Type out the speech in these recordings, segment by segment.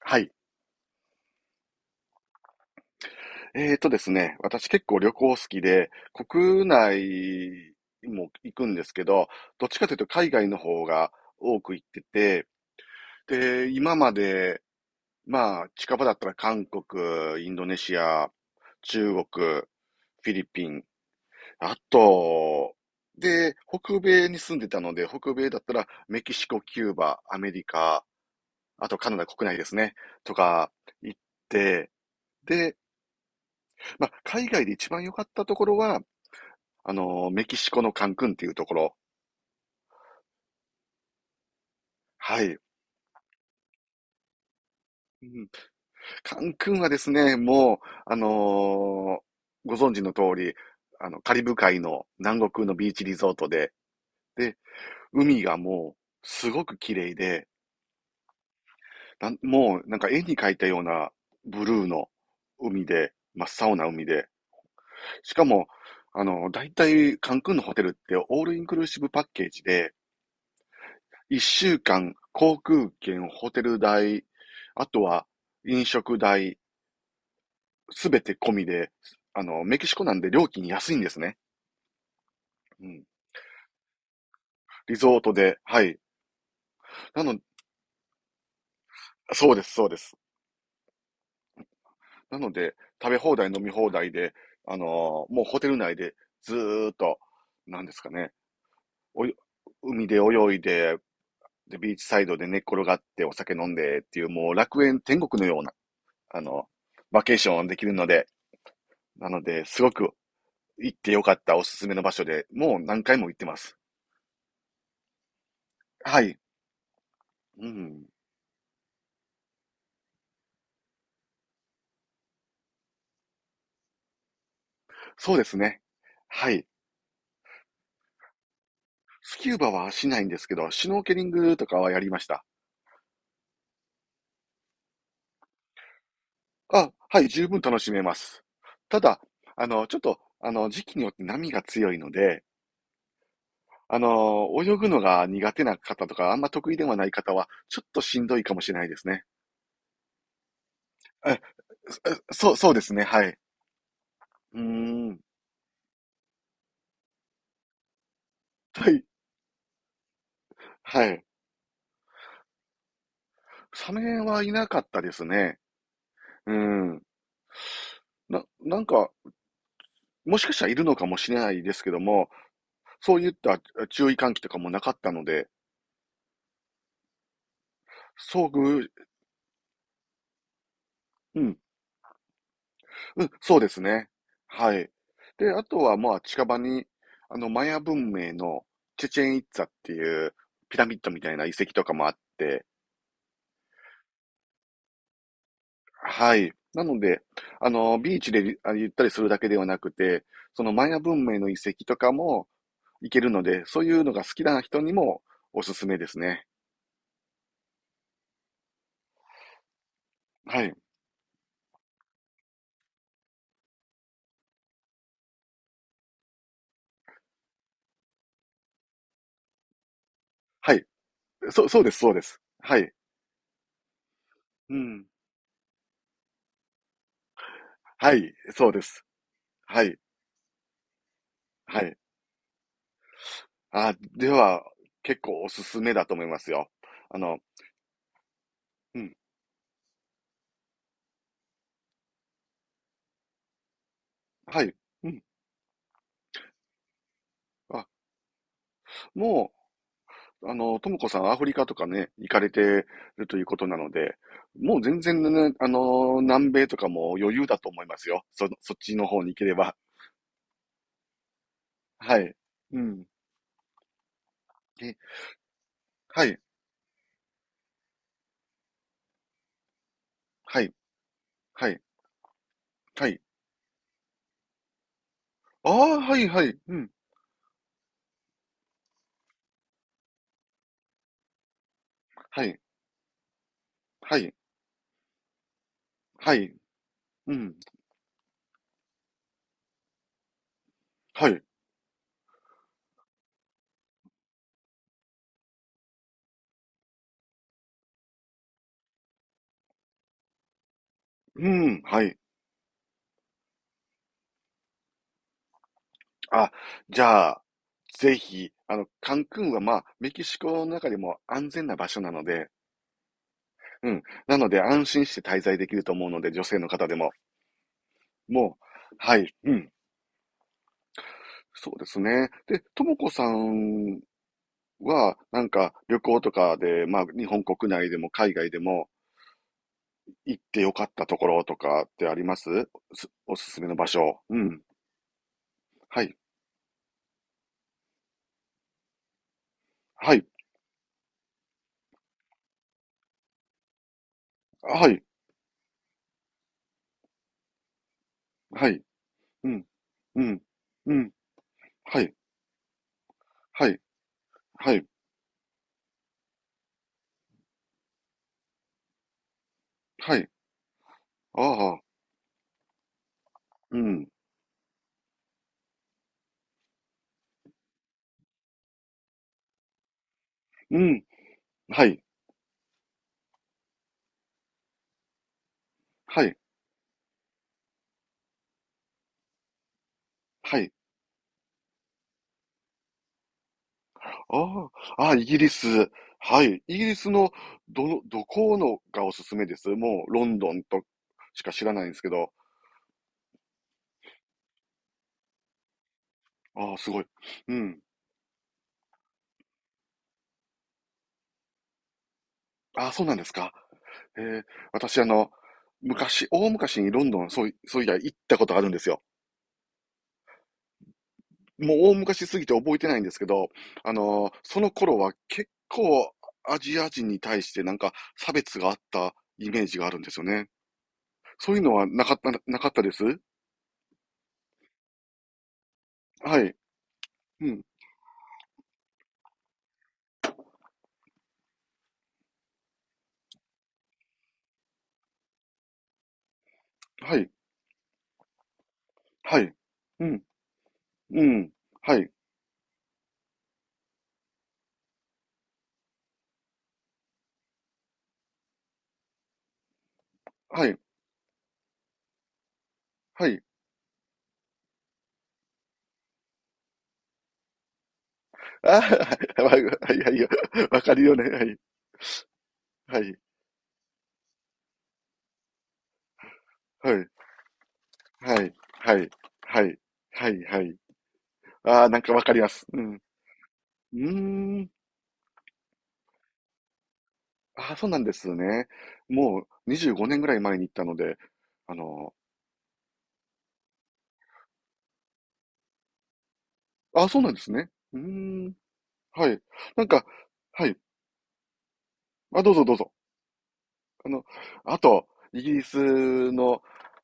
はい。えーとですね、私結構旅行好きで、国内も行くんですけど、どっちかというと海外の方が多く行ってて、で、今まで、まあ、近場だったら韓国、インドネシア、中国、フィリピン、あと、で、北米に住んでたので、北米だったらメキシコ、キューバ、アメリカ、あとカナダ国内ですね、とか行って、で、まあ、海外で一番良かったところは、メキシコのカンクンっていうところ。はい。うん、カンクンはですね、もう、あのーご存知の通り、カリブ海の南国のビーチリゾートで、で、海がもう、すごく綺麗で、なんか絵に描いたようなブルーの海で、真っ青な海で、しかも、大体、カンクンのホテルってオールインクルーシブパッケージで、一週間、航空券、ホテル代、あとは飲食代、すべて込みで、メキシコなんで料金安いんですね。うん。リゾートで、はい。なの、そうです、そうです。なので、食べ放題、飲み放題で、もうホテル内でずーっと、なんですかね、おい海で泳いで、で、ビーチサイドで寝っ転がってお酒飲んでっていう、もう楽園天国のような、あの、バケーションできるので、なので、すごく行ってよかったおすすめの場所で、もう何回も行ってます。はい。うん。そうですね。はい。スキューバはしないんですけど、シュノーケリングとかはやりました。あ、はい、十分楽しめます。ただ、ちょっと、時期によって波が強いので、泳ぐのが苦手な方とか、あんま得意ではない方は、ちょっとしんどいかもしれないですね。え、そ、そうそうですね、はい。うーん。はい、はい。サメはいなかったですね。うん。なんか、もしかしたらいるのかもしれないですけども、そういった注意喚起とかもなかったので、遭遇、うん、うん、そうですね。はい。で、あとは、まあ、近場に、マヤ文明のチェチェンイッツァっていうピラミッドみたいな遺跡とかもあって、はい。なので、ビーチでゆったりするだけではなくて、そのマヤ文明の遺跡とかも行けるので、そういうのが好きな人にもおすすめですね。はい。はい。そう、そうです、そうです。はい。うん。はい、そうです。はい。はい。あ、では、結構おすすめだと思いますよ。あの、うん。はい。うん。あ、もう、ともこさん、アフリカとかね、行かれてるということなので、もう全然ね、南米とかも余裕だと思いますよ。そっちの方に行ければ。はい。うん。え、はい、はい、はい、はい。ああ、はい、はい、うん。はい、はい、はい、うん。はい、うん、はい。あ、じゃあ、ぜひ、カンクンはまあ、メキシコの中でも安全な場所なので、うん。なので安心して滞在できると思うので、女性の方でも。もう、はい、うん。そうですね。で、ともこさんは、なんか旅行とかで、まあ、日本国内でも海外でも行ってよかったところとかってありますおすすめの場所。うん。はい。はい。はい。はい。うん。うん。うん。はい。はい。はい。はい。ああ。うん。うん。はい。はい。はい。ああ、あ、イギリス。はい。イギリスのどこのがおすすめです？もうロンドンとしか知らないんですけど。ああ、すごい。うん。ああ、そうなんですか。えー、私昔、大昔にロンドン、そういや行ったことあるんですよ。もう大昔すぎて覚えてないんですけど、その頃は結構アジア人に対してなんか差別があったイメージがあるんですよね。そういうのはなかったです、はい。うん。はい。はい。うん。うん。はい。はい。はい。ああ、はい。はい。はいはい。わかるよね。はい。はい。はい。はい。はい。はい。はい。はい。ああ、なんかわかります。うん。うーん。ああ、そうなんですね。もう25年ぐらい前に行ったので、あの、ああ、そうなんですね。うーん。はい。なんか、はい。あ、どうぞどうぞ。あの、あと、イギリスの、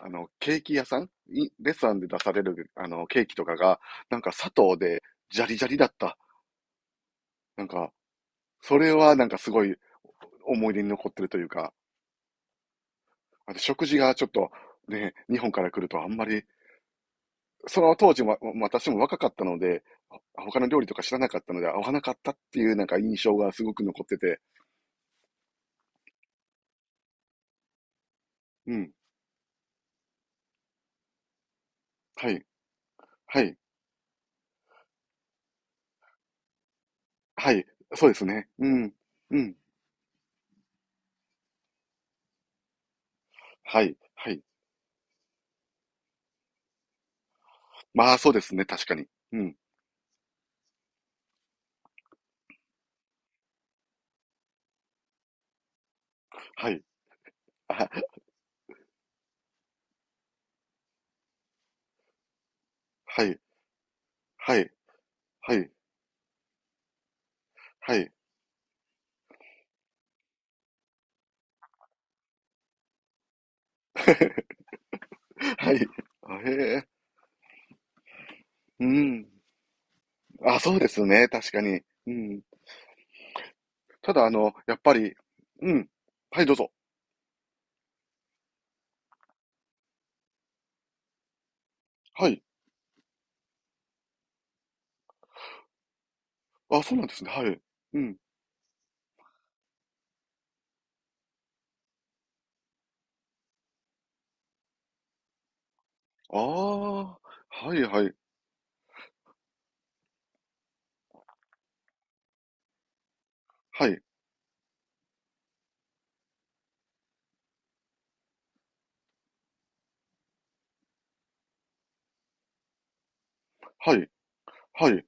ケーキ屋さんレストランで出される、ケーキとかが、なんか砂糖で、ジャリジャリだった。なんか、それはなんかすごい思い出に残ってるというか、あと食事がちょっと、ね、日本から来るとあんまり、その当時も私も若かったので、ほ他の料理とか知らなかったので、合わなかったっていうなんか印象がすごく残ってて、うん、はい、はい、はい、そうですね、うん、うん、はい、はい。まあ、そうですね、確かに。うん。はい。あ、はい。はい。はい。はい。はい。あ、へえ。うん。あ、そうですね、確かに。うん。ただ、やっぱり、うん。はい、どうぞ。はい。あ、そうなんですね。はい。うん。ああ、はいはい。はい。はい。はい。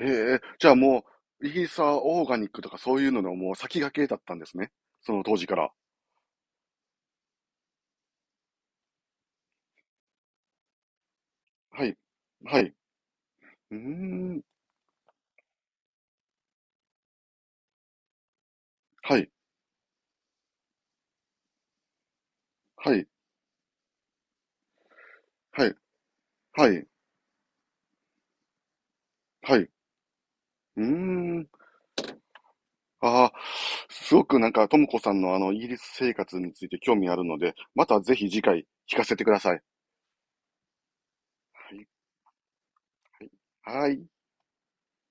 へえ。じゃあもう、イーサーオーガニックとかそういうののもう先駆けだったんですね。その当時から。はい。はい。うーん。はい。はい。はい。はい。はい。うーん。ああ、すごくなんか、ともこさんのイギリス生活について興味あるので、またぜひ次回聞かせてください。はい。はい。